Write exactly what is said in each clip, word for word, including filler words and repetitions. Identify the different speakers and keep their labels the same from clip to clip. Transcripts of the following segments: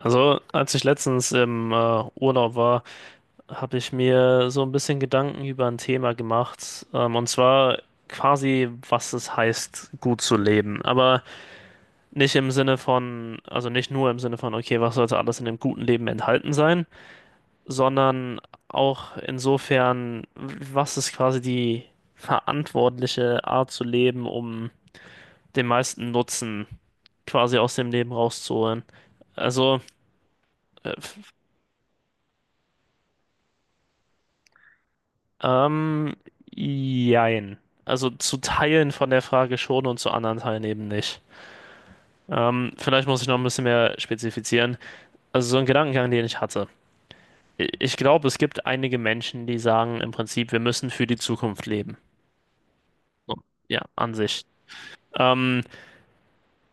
Speaker 1: Also, als ich letztens im äh, Urlaub war, habe ich mir so ein bisschen Gedanken über ein Thema gemacht. Ähm, und zwar quasi, was es heißt, gut zu leben. Aber nicht im Sinne von, also nicht nur im Sinne von, okay, was sollte alles in dem guten Leben enthalten sein, sondern auch insofern, was ist quasi die verantwortliche Art zu leben, um den meisten Nutzen quasi aus dem Leben rauszuholen. Also. äh, Ähm, Jein. Also zu Teilen von der Frage schon und zu anderen Teilen eben nicht. Ähm, vielleicht muss ich noch ein bisschen mehr spezifizieren. Also so ein Gedankengang, den ich hatte. I- Ich glaube, es gibt einige Menschen, die sagen im Prinzip, wir müssen für die Zukunft leben. So, ja, an sich. Ähm,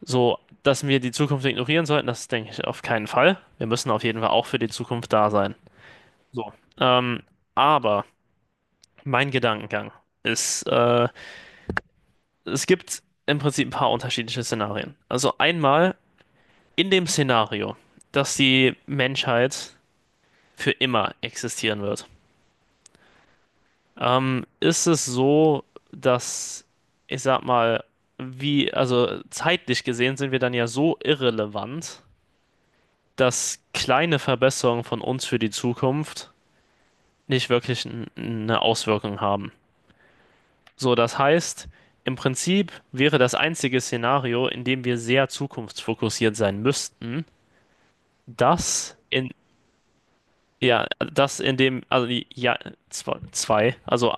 Speaker 1: so, dass wir die Zukunft ignorieren sollten, das denke ich auf keinen Fall. Wir müssen auf jeden Fall auch für die Zukunft da sein. So. Ähm, aber mein Gedankengang ist, äh, es gibt im Prinzip ein paar unterschiedliche Szenarien. Also einmal in dem Szenario, dass die Menschheit für immer existieren wird, ähm, ist es so, dass, ich sag mal, wie, also zeitlich gesehen sind wir dann ja so irrelevant, dass kleine Verbesserungen von uns für die Zukunft nicht wirklich n- eine Auswirkung haben. So, das heißt, im Prinzip wäre das einzige Szenario, in dem wir sehr zukunftsfokussiert sein müssten, das in, ja, das in dem, also die- ja, zwei, zwei, also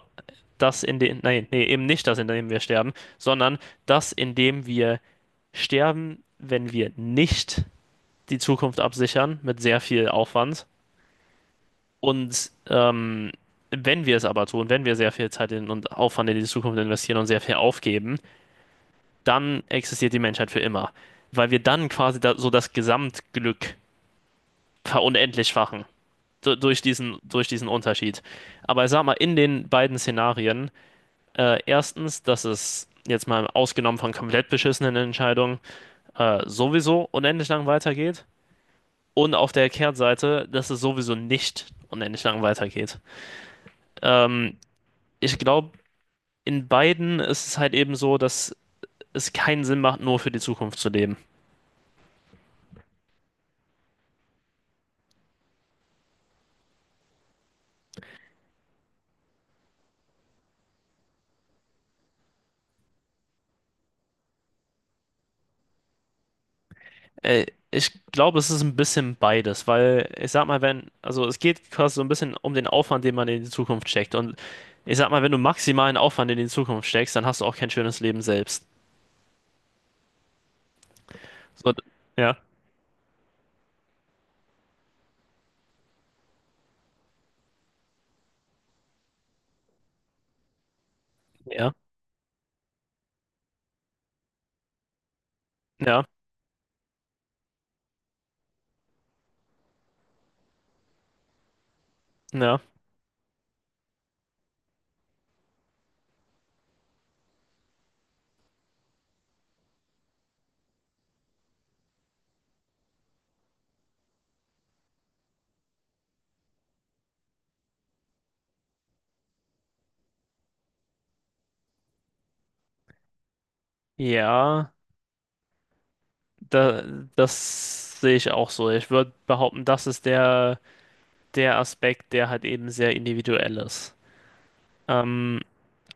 Speaker 1: das in dem, nein, nee, eben nicht das, in dem wir sterben, sondern das, in dem wir sterben, wenn wir nicht die Zukunft absichern, mit sehr viel Aufwand. Und ähm, wenn wir es aber tun, wenn wir sehr viel Zeit in und Aufwand in die Zukunft investieren und sehr viel aufgeben, dann existiert die Menschheit für immer. Weil wir dann quasi da, so das Gesamtglück verunendlich fachen. du- durch diesen, durch diesen Unterschied. Aber ich sag mal, in den beiden Szenarien, äh, erstens, dass es jetzt mal ausgenommen von komplett beschissenen Entscheidungen äh, sowieso unendlich lang weitergeht. Und auf der Kehrtseite, dass es sowieso nicht unendlich lang weitergeht. Ähm, Ich glaube, in beiden ist es halt eben so, dass es keinen Sinn macht, nur für die Zukunft zu leben. Äh, ich glaube, es ist ein bisschen beides, weil, ich sag mal, wenn, also es geht quasi so ein bisschen um den Aufwand, den man in die Zukunft steckt. Und ich sag mal, wenn du maximalen Aufwand in die Zukunft steckst, dann hast du auch kein schönes Leben selbst. So, ja, ja, ja, ja, ja, da, das sehe ich auch so. Ich würde behaupten, das ist der, der Aspekt, der halt eben sehr individuell ist. Ähm,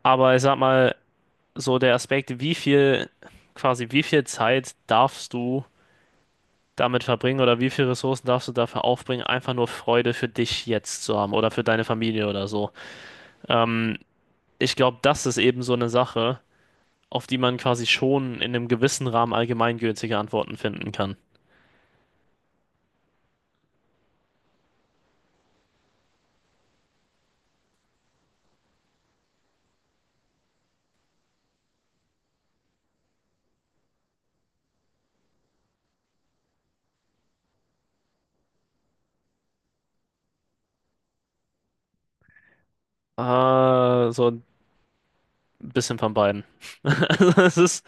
Speaker 1: aber ich sag mal, so der Aspekt, wie viel, quasi wie viel Zeit darfst du damit verbringen oder wie viele Ressourcen darfst du dafür aufbringen, einfach nur Freude für dich jetzt zu haben oder für deine Familie oder so. Ähm, Ich glaube, das ist eben so eine Sache, auf die man quasi schon in einem gewissen Rahmen allgemeingültige Antworten finden kann. Äh, so ein bisschen von beiden. Also es ist,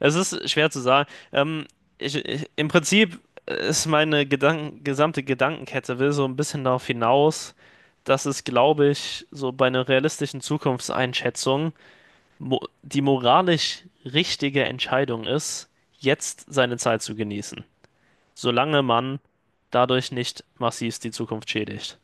Speaker 1: es ist schwer zu sagen. Ähm, ich, ich, im Prinzip ist meine Gedanken, gesamte Gedankenkette will so ein bisschen darauf hinaus, dass es, glaube ich, so bei einer realistischen Zukunftseinschätzung mo die moralisch richtige Entscheidung ist, jetzt seine Zeit zu genießen, solange man dadurch nicht massiv die Zukunft schädigt.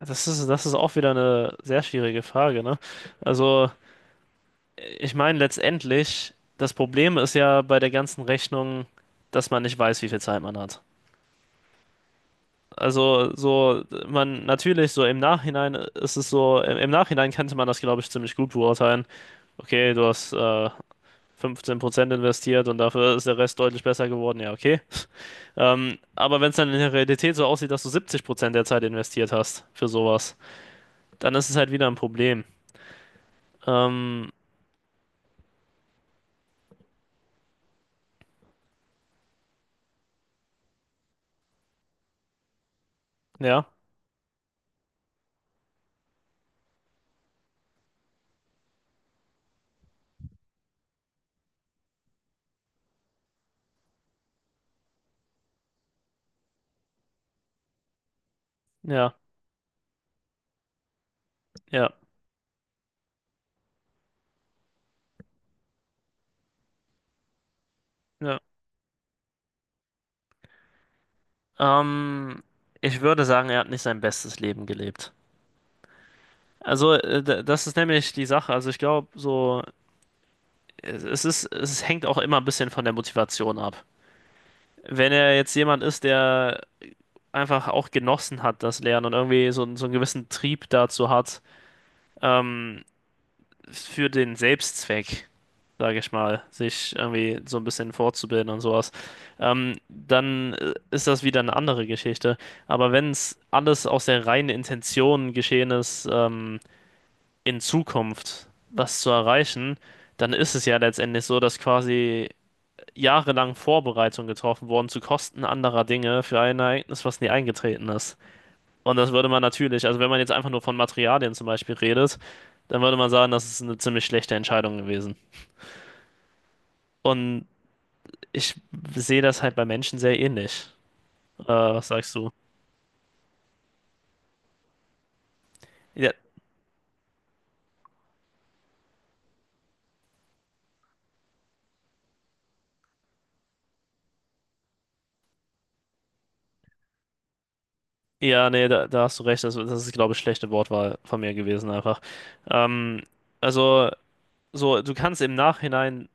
Speaker 1: Das ist, das ist auch wieder eine sehr schwierige Frage, ne? Also, ich meine, letztendlich, das Problem ist ja bei der ganzen Rechnung, dass man nicht weiß, wie viel Zeit man hat. Also, so, man, natürlich, so im Nachhinein ist es so, im, im Nachhinein könnte man das, glaube ich, ziemlich gut beurteilen. Okay, du hast äh, fünfzehn Prozent investiert und dafür ist der Rest deutlich besser geworden, ja, okay. Ähm, aber wenn es dann in der Realität so aussieht, dass du siebzig Prozent der Zeit investiert hast für sowas, dann ist es halt wieder ein Problem. Ähm, ja, ja, ja, ja. Ähm, Ich würde sagen, er hat nicht sein bestes Leben gelebt. Also, äh, d- das ist nämlich die Sache. Also, ich glaube, so, es ist, es hängt auch immer ein bisschen von der Motivation ab. Wenn er jetzt jemand ist, der einfach auch genossen hat, das Lernen und irgendwie so, so einen gewissen Trieb dazu hat, ähm, für den Selbstzweck, sage ich mal, sich irgendwie so ein bisschen fortzubilden und sowas, ähm, dann äh, ist das wieder eine andere Geschichte. Aber wenn es alles aus der reinen Intention geschehen ist, ähm, in Zukunft was zu erreichen, dann ist es ja letztendlich so, dass quasi jahrelang Vorbereitungen getroffen wurden zu Kosten anderer Dinge für ein Ereignis, was nie eingetreten ist. Und das würde man natürlich, also wenn man jetzt einfach nur von Materialien zum Beispiel redet, dann würde man sagen, das ist eine ziemlich schlechte Entscheidung gewesen. Und ich sehe das halt bei Menschen sehr ähnlich. Äh, was sagst du? Ja, ja, nee, da, da hast du recht. Das, das ist, glaube ich, schlechte Wortwahl von mir gewesen einfach. Ähm, also, so, du kannst im Nachhinein,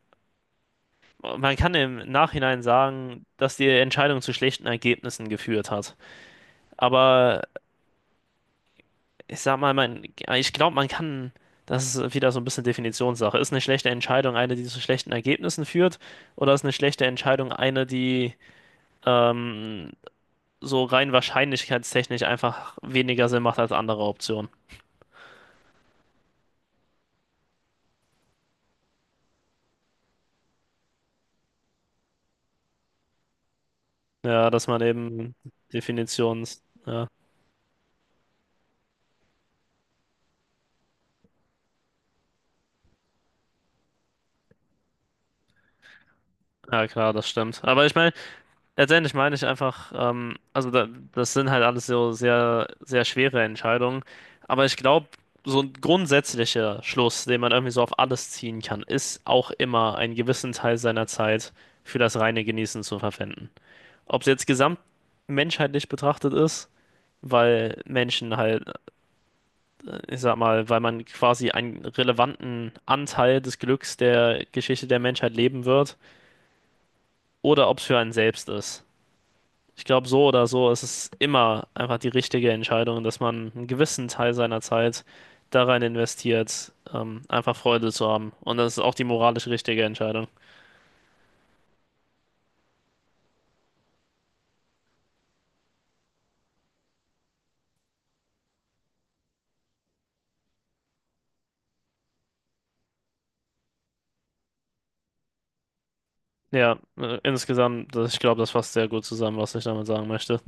Speaker 1: man kann im Nachhinein sagen, dass die Entscheidung zu schlechten Ergebnissen geführt hat. Aber ich sag mal, man, ich glaube, man kann, das ist wieder so ein bisschen Definitionssache. Ist eine schlechte Entscheidung eine, die zu schlechten Ergebnissen führt, oder ist eine schlechte Entscheidung eine, die ähm, so rein wahrscheinlichkeitstechnisch einfach weniger Sinn macht als andere Optionen? Ja, dass man eben Definitions. Ja, ja klar, das stimmt. Aber ich meine, letztendlich meine ich einfach, ähm, also da, das sind halt alles so sehr, sehr schwere Entscheidungen. Aber ich glaube, so ein grundsätzlicher Schluss, den man irgendwie so auf alles ziehen kann, ist auch immer einen gewissen Teil seiner Zeit für das reine Genießen zu verwenden. Ob es jetzt gesamtmenschheitlich betrachtet ist, weil Menschen halt, äh, ich sag mal, weil man quasi einen relevanten Anteil des Glücks der Geschichte der Menschheit leben wird, oder ob es für einen selbst ist. Ich glaube, so oder so ist es immer einfach die richtige Entscheidung, dass man einen gewissen Teil seiner Zeit da rein investiert, ähm, einfach Freude zu haben. Und das ist auch die moralisch richtige Entscheidung. Ja, äh, insgesamt, das- ich glaube, das fasst sehr gut zusammen, was ich damit sagen möchte.